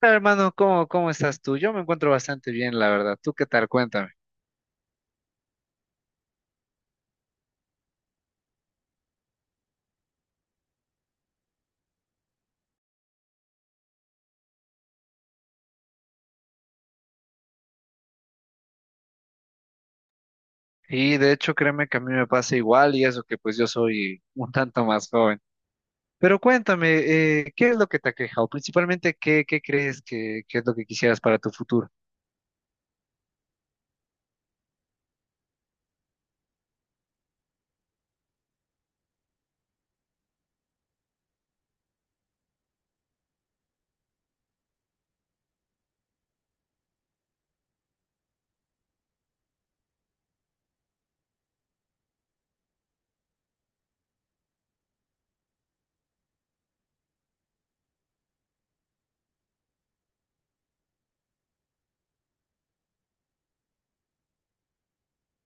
Hola, hermano, ¿cómo estás tú? Yo me encuentro bastante bien, la verdad. ¿Tú qué tal? Cuéntame. Y de hecho, créeme que a mí me pasa igual y eso que pues yo soy un tanto más joven. Pero cuéntame, ¿qué es lo que te aqueja? O principalmente, ¿qué crees que es lo que quisieras para tu futuro?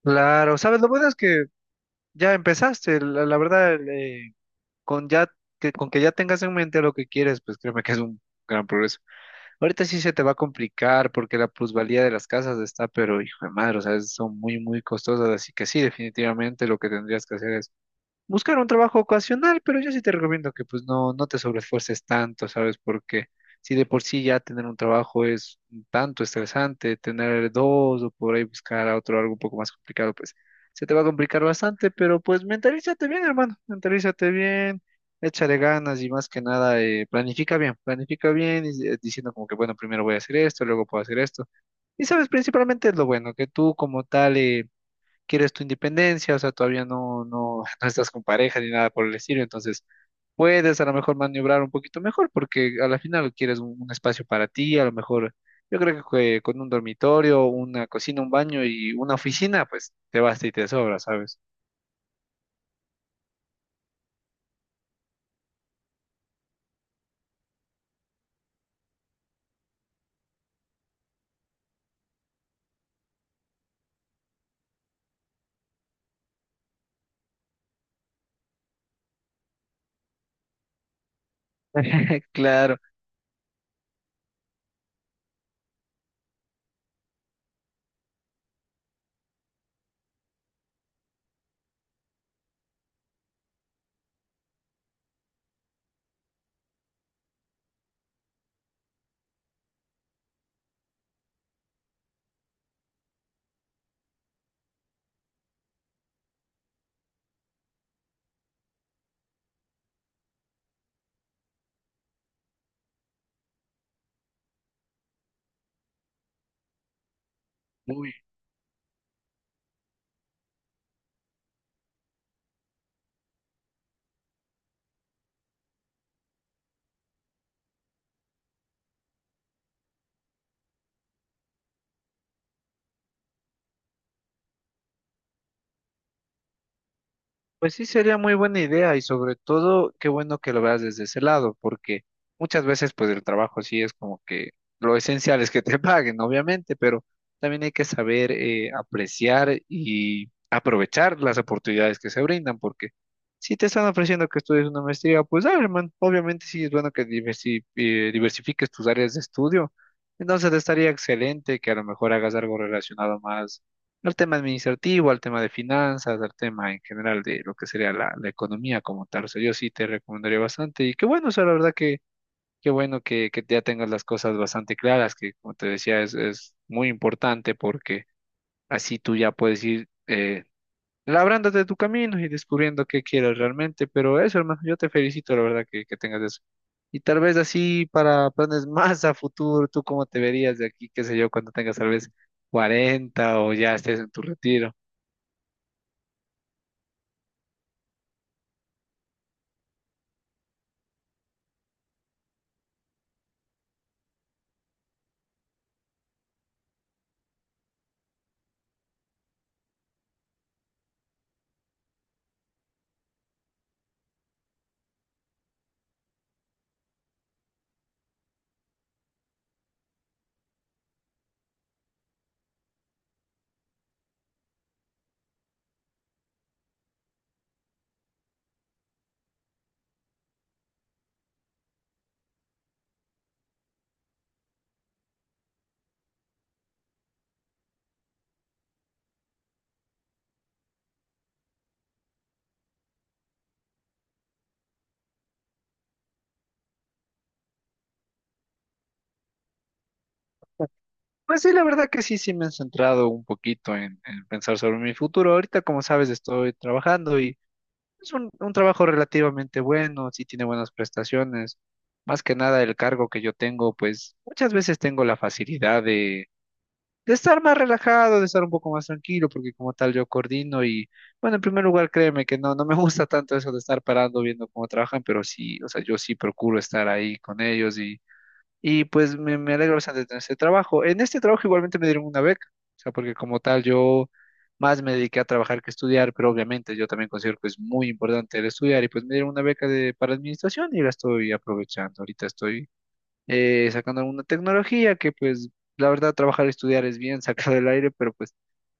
Claro, sabes, lo bueno es que ya empezaste, la verdad, con ya, que, con que ya tengas en mente lo que quieres, pues créeme que es un gran progreso. Ahorita sí se te va a complicar porque la plusvalía de las casas está, pero hijo de madre, o sea, son muy, muy costosas, así que sí, definitivamente lo que tendrías que hacer es buscar un trabajo ocasional, pero yo sí te recomiendo que pues no te sobreesfuerces tanto, ¿sabes? Porque si de por sí ya tener un trabajo es un tanto estresante, tener dos o por ahí buscar a otro algo un poco más complicado, pues se te va a complicar bastante, pero pues mentalízate bien, hermano, mentalízate bien, échale ganas y más que nada planifica bien, planifica bien y, diciendo como que bueno, primero voy a hacer esto, luego puedo hacer esto. Y sabes, principalmente es lo bueno, que tú como tal, quieres tu independencia, o sea, todavía no estás con pareja ni nada por el estilo, entonces puedes a lo mejor maniobrar un poquito mejor porque a la final quieres un espacio para ti. A lo mejor yo creo que con un dormitorio, una cocina, un baño y una oficina, pues te basta y te sobra, ¿sabes? Claro. muy Pues sí, sería muy buena idea y sobre todo, qué bueno que lo veas desde ese lado, porque muchas veces pues el trabajo sí es como que lo esencial es que te paguen, obviamente, pero también hay que saber apreciar y aprovechar las oportunidades que se brindan, porque si te están ofreciendo que estudies una maestría, pues dale, hermano, obviamente sí es bueno que diversifiques tus áreas de estudio. Entonces estaría excelente que a lo mejor hagas algo relacionado más al tema administrativo, al tema de finanzas, al tema en general de lo que sería la economía como tal. O sea, yo sí te recomendaría bastante y qué bueno, o sea, la verdad que qué bueno que ya tengas las cosas bastante claras, que como te decía es muy importante porque así tú ya puedes ir labrándote tu camino y descubriendo qué quieres realmente. Pero eso, hermano, yo te felicito, la verdad que tengas eso. Y tal vez así para planes más a futuro, ¿tú cómo te verías de aquí, qué sé yo, cuando tengas tal vez 40 o ya estés en tu retiro? Pues sí, la verdad que sí, sí me he centrado un poquito en pensar sobre mi futuro. Ahorita, como sabes, estoy trabajando y es un trabajo relativamente bueno, sí tiene buenas prestaciones. Más que nada el cargo que yo tengo, pues muchas veces tengo la facilidad de estar más relajado, de estar un poco más tranquilo, porque como tal yo coordino y, bueno, en primer lugar, créeme que no me gusta tanto eso de estar parando viendo cómo trabajan, pero sí, o sea, yo sí procuro estar ahí con ellos y me alegro bastante de tener este trabajo. En este trabajo igualmente me dieron una beca, o sea, porque como tal yo más me dediqué a trabajar que estudiar, pero obviamente yo también considero que es muy importante el estudiar y pues me dieron una beca de, para administración y la estoy aprovechando. Ahorita estoy sacando alguna tecnología que pues la verdad trabajar y estudiar es bien sacado del aire, pero pues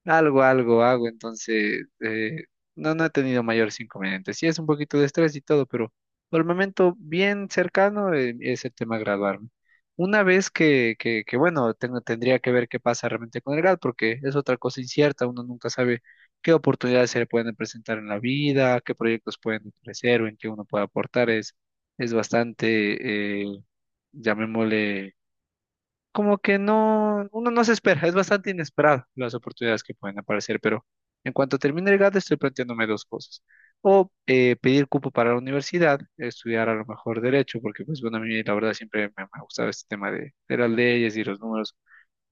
algo hago, entonces no he tenido mayores inconvenientes. Sí es un poquito de estrés y todo, pero por el momento bien cercano es el tema graduarme. Una vez que bueno, tendría que ver qué pasa realmente con el grad, porque es otra cosa incierta, uno nunca sabe qué oportunidades se le pueden presentar en la vida, qué proyectos pueden ofrecer o en qué uno puede aportar, es bastante, llamémosle, como que no, uno no se espera, es bastante inesperado las oportunidades que pueden aparecer, pero en cuanto termine el GAD estoy planteándome dos cosas. O Pedir cupo para la universidad, estudiar a lo mejor derecho, porque pues bueno, a mí la verdad siempre me ha gustado este tema de las leyes y los números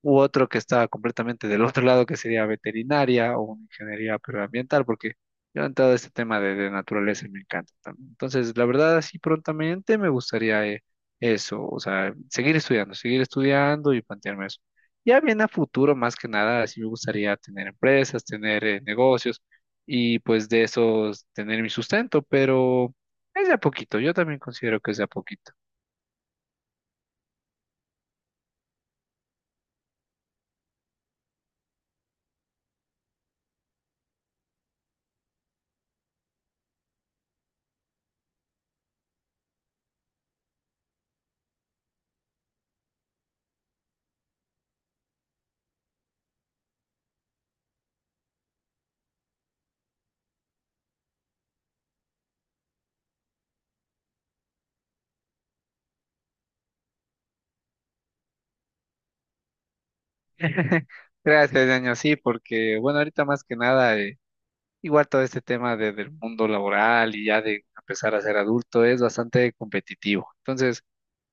u otro que está completamente del otro lado, que sería veterinaria o una ingeniería agroambiental, porque yo he entrado a este tema de naturaleza y me encanta también. Entonces, la verdad, así prontamente me gustaría eso, o sea, seguir estudiando y plantearme eso. Ya bien a futuro, más que nada, sí me gustaría tener empresas, tener negocios y pues de esos tener mi sustento, pero es de a poquito, yo también considero que es de a poquito. Gracias, Daniel, sí, porque bueno, ahorita más que nada, igual todo este tema de- del mundo laboral y ya de empezar a ser adulto es bastante competitivo. Entonces,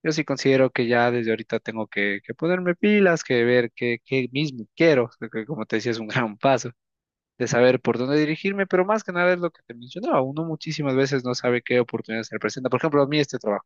yo sí considero que ya desde ahorita tengo que ponerme pilas, que ver qué mismo quiero, porque como te decía es un gran paso de saber por dónde dirigirme, pero más que nada es lo que te mencionaba, uno muchísimas veces no sabe qué oportunidades se le presentan. Por ejemplo, a mí este trabajo.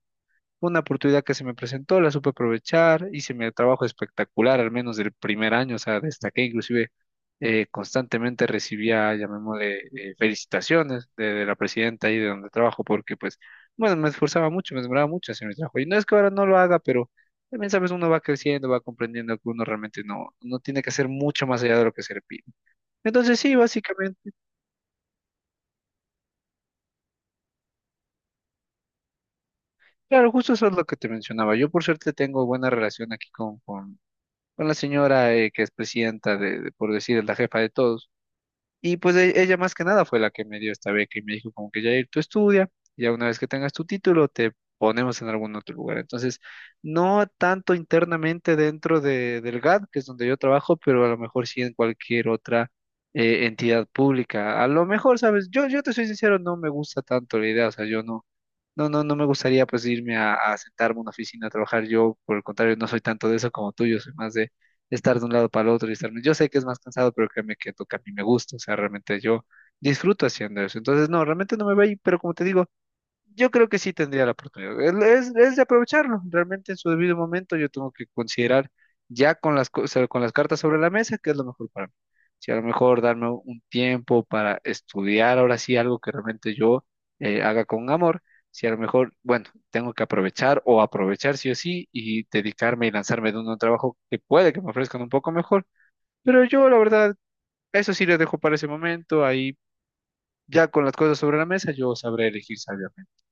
Fue una oportunidad que se me presentó, la supe aprovechar, hice mi trabajo espectacular, al menos del primer año, o sea, destaqué, inclusive constantemente recibía, llamémosle, felicitaciones de la presidenta ahí de donde trabajo, porque pues, bueno, me esforzaba mucho, me demoraba mucho hacer mi trabajo. Y no es que ahora no lo haga, pero también, sabes, uno va creciendo, va comprendiendo que uno realmente no tiene que hacer mucho más allá de lo que se le pide. Entonces, sí, básicamente, claro, justo eso es lo que te mencionaba. Yo por suerte tengo buena relación aquí con la señora que es presidenta de, por decir, es la jefa de todos. Y pues ella más que nada fue la que me dio esta beca y me dijo como que Jair, tú estudia, ya una vez que tengas tu título te ponemos en algún otro lugar. Entonces, no tanto internamente dentro de, del GAD, que es donde yo trabajo, pero a lo mejor sí en cualquier otra entidad pública. A lo mejor, sabes, yo te soy sincero, no me gusta tanto la idea, o sea, yo no me gustaría pues irme a sentarme a una oficina a trabajar. Yo, por el contrario, no soy tanto de eso como tú. Yo soy más de estar de un lado para el otro y estarme. Yo sé que es más cansado, pero créeme que toca a mí me gusta. O sea, realmente yo disfruto haciendo eso. Entonces, no, realmente no me voy a ir, pero como te digo, yo creo que sí tendría la oportunidad. De aprovecharlo. Realmente en su debido momento yo tengo que considerar ya con cosas- con las cartas sobre la mesa qué es lo mejor para mí. Si a lo mejor darme un tiempo para estudiar ahora sí algo que realmente yo haga con amor, si a lo mejor, bueno, tengo que aprovechar o aprovechar sí o sí y dedicarme y lanzarme de un nuevo trabajo que puede que me ofrezcan un poco mejor. Pero yo la verdad, eso sí les dejo para ese momento. Ahí ya con las cosas sobre la mesa yo sabré elegir sabiamente.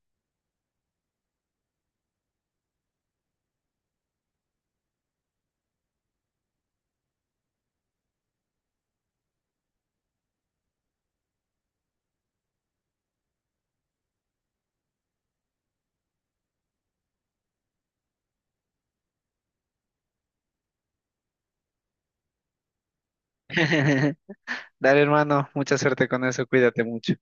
Dale, hermano, mucha suerte con eso, cuídate mucho.